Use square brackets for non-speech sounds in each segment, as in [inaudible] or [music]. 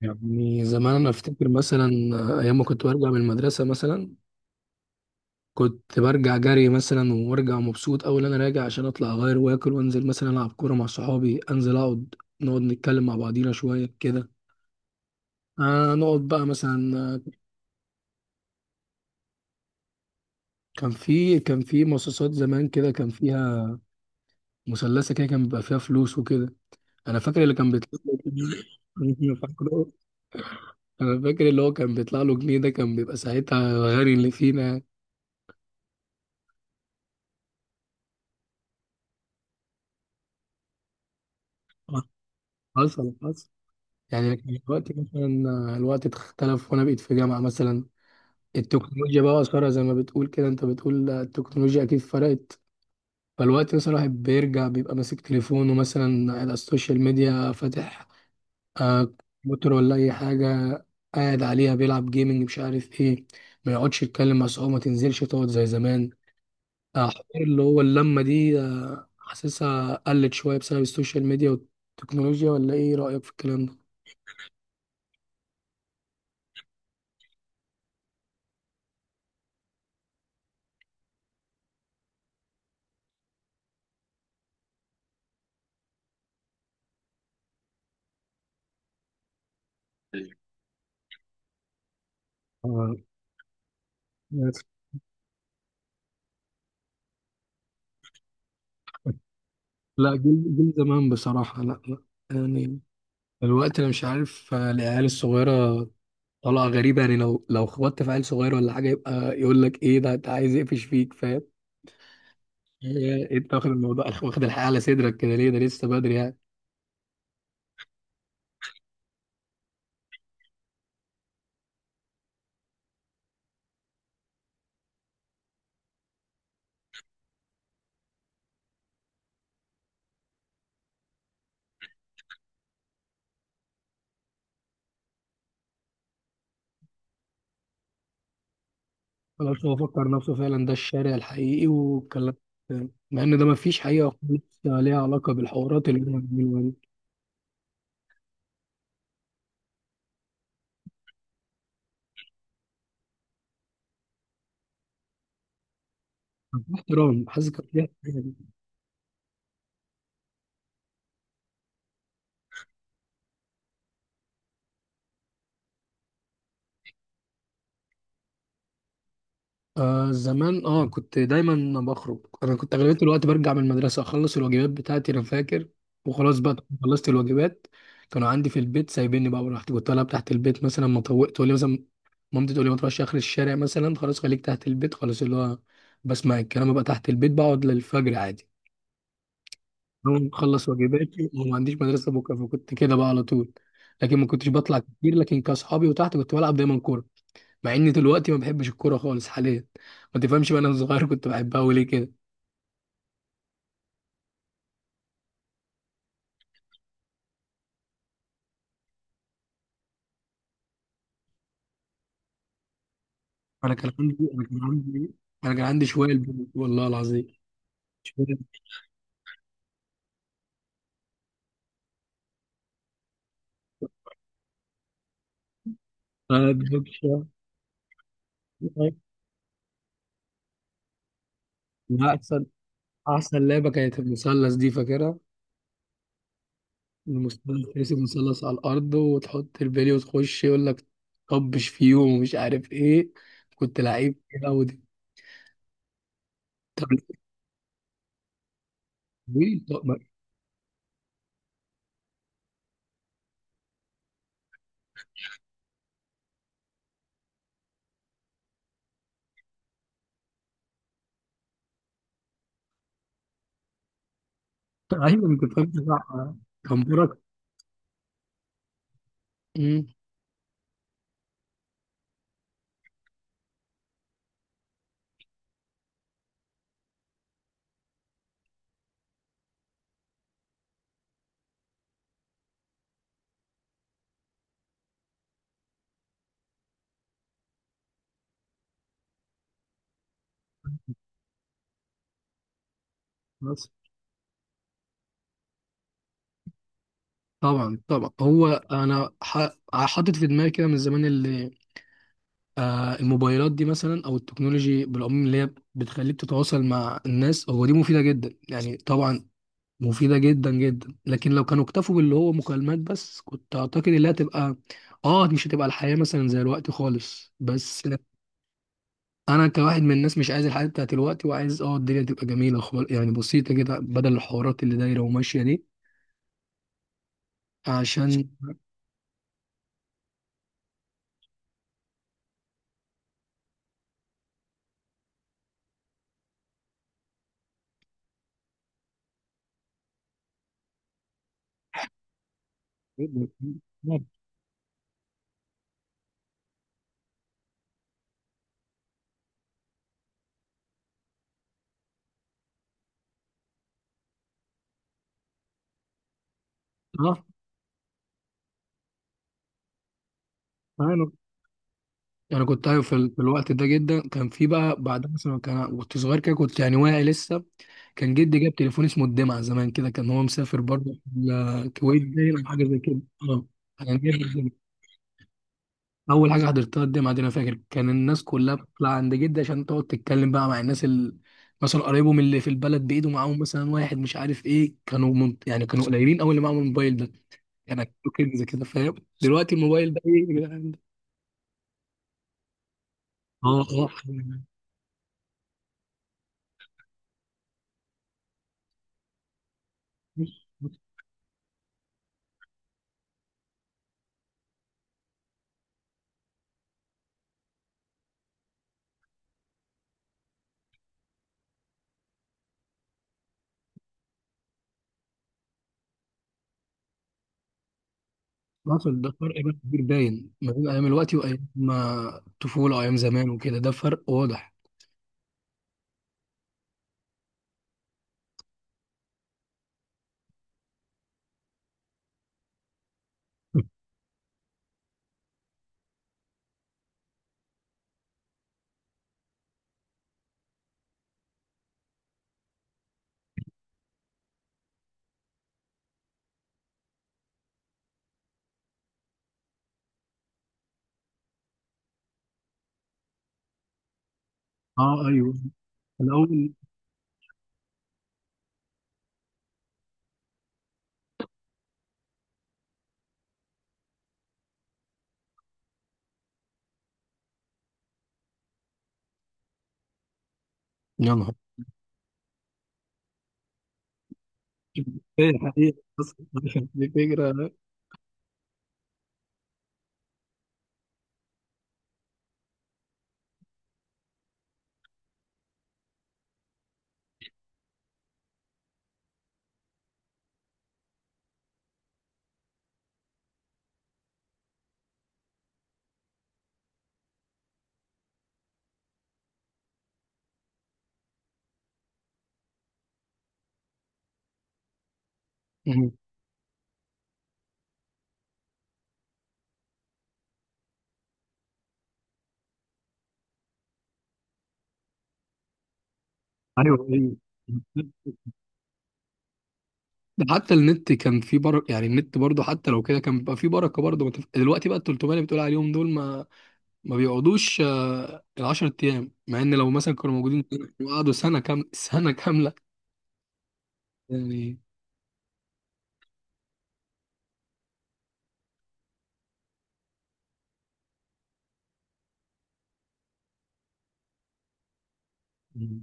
يعني زمان انا افتكر مثلا ايام ما كنت برجع من المدرسه مثلا. كنت برجع جري مثلا وارجع مبسوط اول انا راجع عشان اطلع اغير واكل وانزل مثلا العب كوره مع صحابي، انزل اقعد نقعد نتكلم مع بعضينا شويه كده. آه نقعد بقى مثلا كان في كان في مصاصات زمان كده، كان فيها مثلثه كده، كان بيبقى فيها فلوس وكده. انا فاكر اللي كان بيطلع له [laughs] انا فاكره. انا فاكر اللي هو كان بيطلع له جنيه، ده كان بيبقى ساعتها الغني اللي فينا يعني. حصل حصل يعني. لكن دلوقتي مثلا الوقت اختلف وانا بقيت في جامعة مثلا، التكنولوجيا بقى أثرها زي ما بتقول كده، انت بتقول التكنولوجيا اكيد فرقت. فالوقت مثلا الواحد بيرجع بيبقى ماسك تليفونه مثلا على السوشيال ميديا فاتح، آه، كمبيوتر ولا اي حاجة، قاعد عليها بيلعب جيمنج مش عارف ايه، ما يقعدش يتكلم مع صحابه، ما تنزلش تقعد زي زمان. حوار اللي هو اللمة دي حاسسها قلت شوية بسبب السوشيال ميديا والتكنولوجيا. ولا ايه رأيك في الكلام ده؟ ال- آه، لا جيل جيل زمان بصراحة، لا لا يعني. الوقت أنا مش عارف، العيال الصغيرة طالعة غريبة يعني. لو لو خبطت في عيل صغير ولا حاجة، يبقى يقول لك إيه ده، أنت عايز يقفش فيك فاهم. هي أنت واخد الموضوع واخد الحياة على صدرك كده ليه؟ ده لسه بدري يعني. خلاص هو فكر نفسه فعلا ده الشارع الحقيقي والكلام ده. مع إن ده مفيش حقيقة خالص ليها علاقة بالحوارات اللي إحنا بنعملها دي. مفيش احترام، حاسس كده. آه زمان اه كنت دايما بخرج. انا كنت اغلبيه الوقت برجع من المدرسه اخلص الواجبات بتاعتي، انا فاكر، وخلاص بقى خلصت الواجبات، كانوا عندي في البيت سايبيني بقى، ورحت كنت العب تحت البيت مثلا. ما طوقت تقول لي مثلا مامتي تقول لي ما تروحش اخر الشارع مثلا، خلاص خليك تحت البيت، خلاص اللي هو بسمع الكلام بقى، تحت البيت بقعد للفجر عادي. أقوم اخلص واجباتي وما عنديش مدرسه بكره، فكنت كده بقى على طول. لكن ما كنتش بطلع كتير، لكن كاصحابي وتحت كنت بلعب دايما كوره. مع اني دلوقتي ما بحبش الكوره خالص حاليا، ما تفهمش بقى انا صغير كنت بحبها وليه كده. انا كان عندي انا كان عندي شويه البنج والله العظيم. شوية آه، دوكشة. لا، احسن احسن لعبه كانت المثلث دي، فاكرها؟ المثلث ترسم مثلث على الارض وتحط البلي وتخش يقول لك طبش فيهم ومش عارف ايه. كنت لعيب كده ودي. طب ليه؟ طب ما- ايوه أنا كنت فاهم صح. كان بركه. أمم. بس طبعا طبعا. هو انا حاطط في دماغي كده من زمان، اللي آه الموبايلات دي مثلا او التكنولوجي بالعموم اللي هي بتخليك تتواصل مع الناس، هو دي مفيده جدا يعني طبعا، مفيده جدا جدا. لكن لو كانوا اكتفوا باللي هو مكالمات بس، كنت اعتقد انها تبقى، اه مش هتبقى الحياه مثلا زي الوقت خالص. بس انا كواحد من الناس مش عايز الحياه بتاعت الوقت، وعايز اه الدنيا تبقى جميله خالص يعني، بسيطه كده، بدل الحوارات اللي دايره وماشيه دي. عشان [laughs] اه يعني كنت ايوه في, في الوقت ده جدا كان في بقى. بعد مثلا كان كنت صغير كده كنت يعني واعي لسه، كان جدي جاب تليفون اسمه الدمعه زمان كده، كان هو مسافر برضه الكويت باين او حاجه زي كده. اه كان جايب الدمعه. اول حاجه حضرتها الدمعه دي، انا فاكر كان الناس كلها بتطلع عند جدي عشان تقعد تتكلم بقى مع الناس اللي مثلا قرايبهم اللي في البلد، بايده معاهم مثلا واحد مش عارف ايه. كانوا من... يعني كانوا قليلين قوي اللي معاهم الموبايل ده، يعني كنز كده فاهم. دلوقتي الموبايل ده ايه يا جدعان ده؟ اه اه. حصل ده فرق بقى كبير باين ما بين ايام الوقت وايام ما الطفوله وايام زمان وكده، ده فرق واضح. اه ايوه. الاول. يا نهار! ايه حقيقة. بس دي فكره. مم. ايوه ايوه. ده حتى النت كان فيه بركه يعني، النت برضه حتى لو كده كان بيبقى فيه بركه برضه. ما تف- دلوقتي بقى ال 300 اللي بتقول عليهم دول، ما بيقعدوش آه، ال 10 ايام، مع ان لو مثلا كانوا موجودين سنة، وقعدوا سنه كام سنه كامله يعني.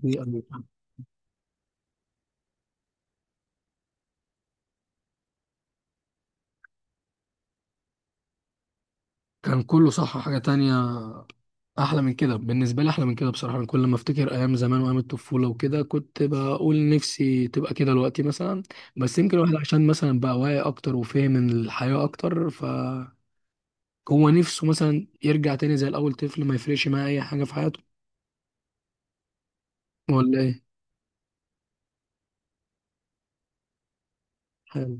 دي- كان كله صح حاجه تانية، احلى من كده بالنسبه لي، احلى من كده بصراحه. أنا كل ما افتكر ايام زمان وايام الطفوله وكده، كنت بقول نفسي تبقى كده دلوقتي مثلا. بس يمكن الواحد عشان مثلا بقى واعي اكتر وفاهم الحياه اكتر، فهو نفسه مثلا يرجع تاني زي الاول طفل ما يفرقش معاه اي حاجه في حياته، ولا ايه. حلو.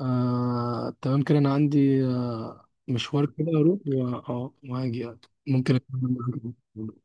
آه، تمام كده. انا عندي آه، مشوار كده اروح اه وهاجي يعني. ممكن أكمل معاك.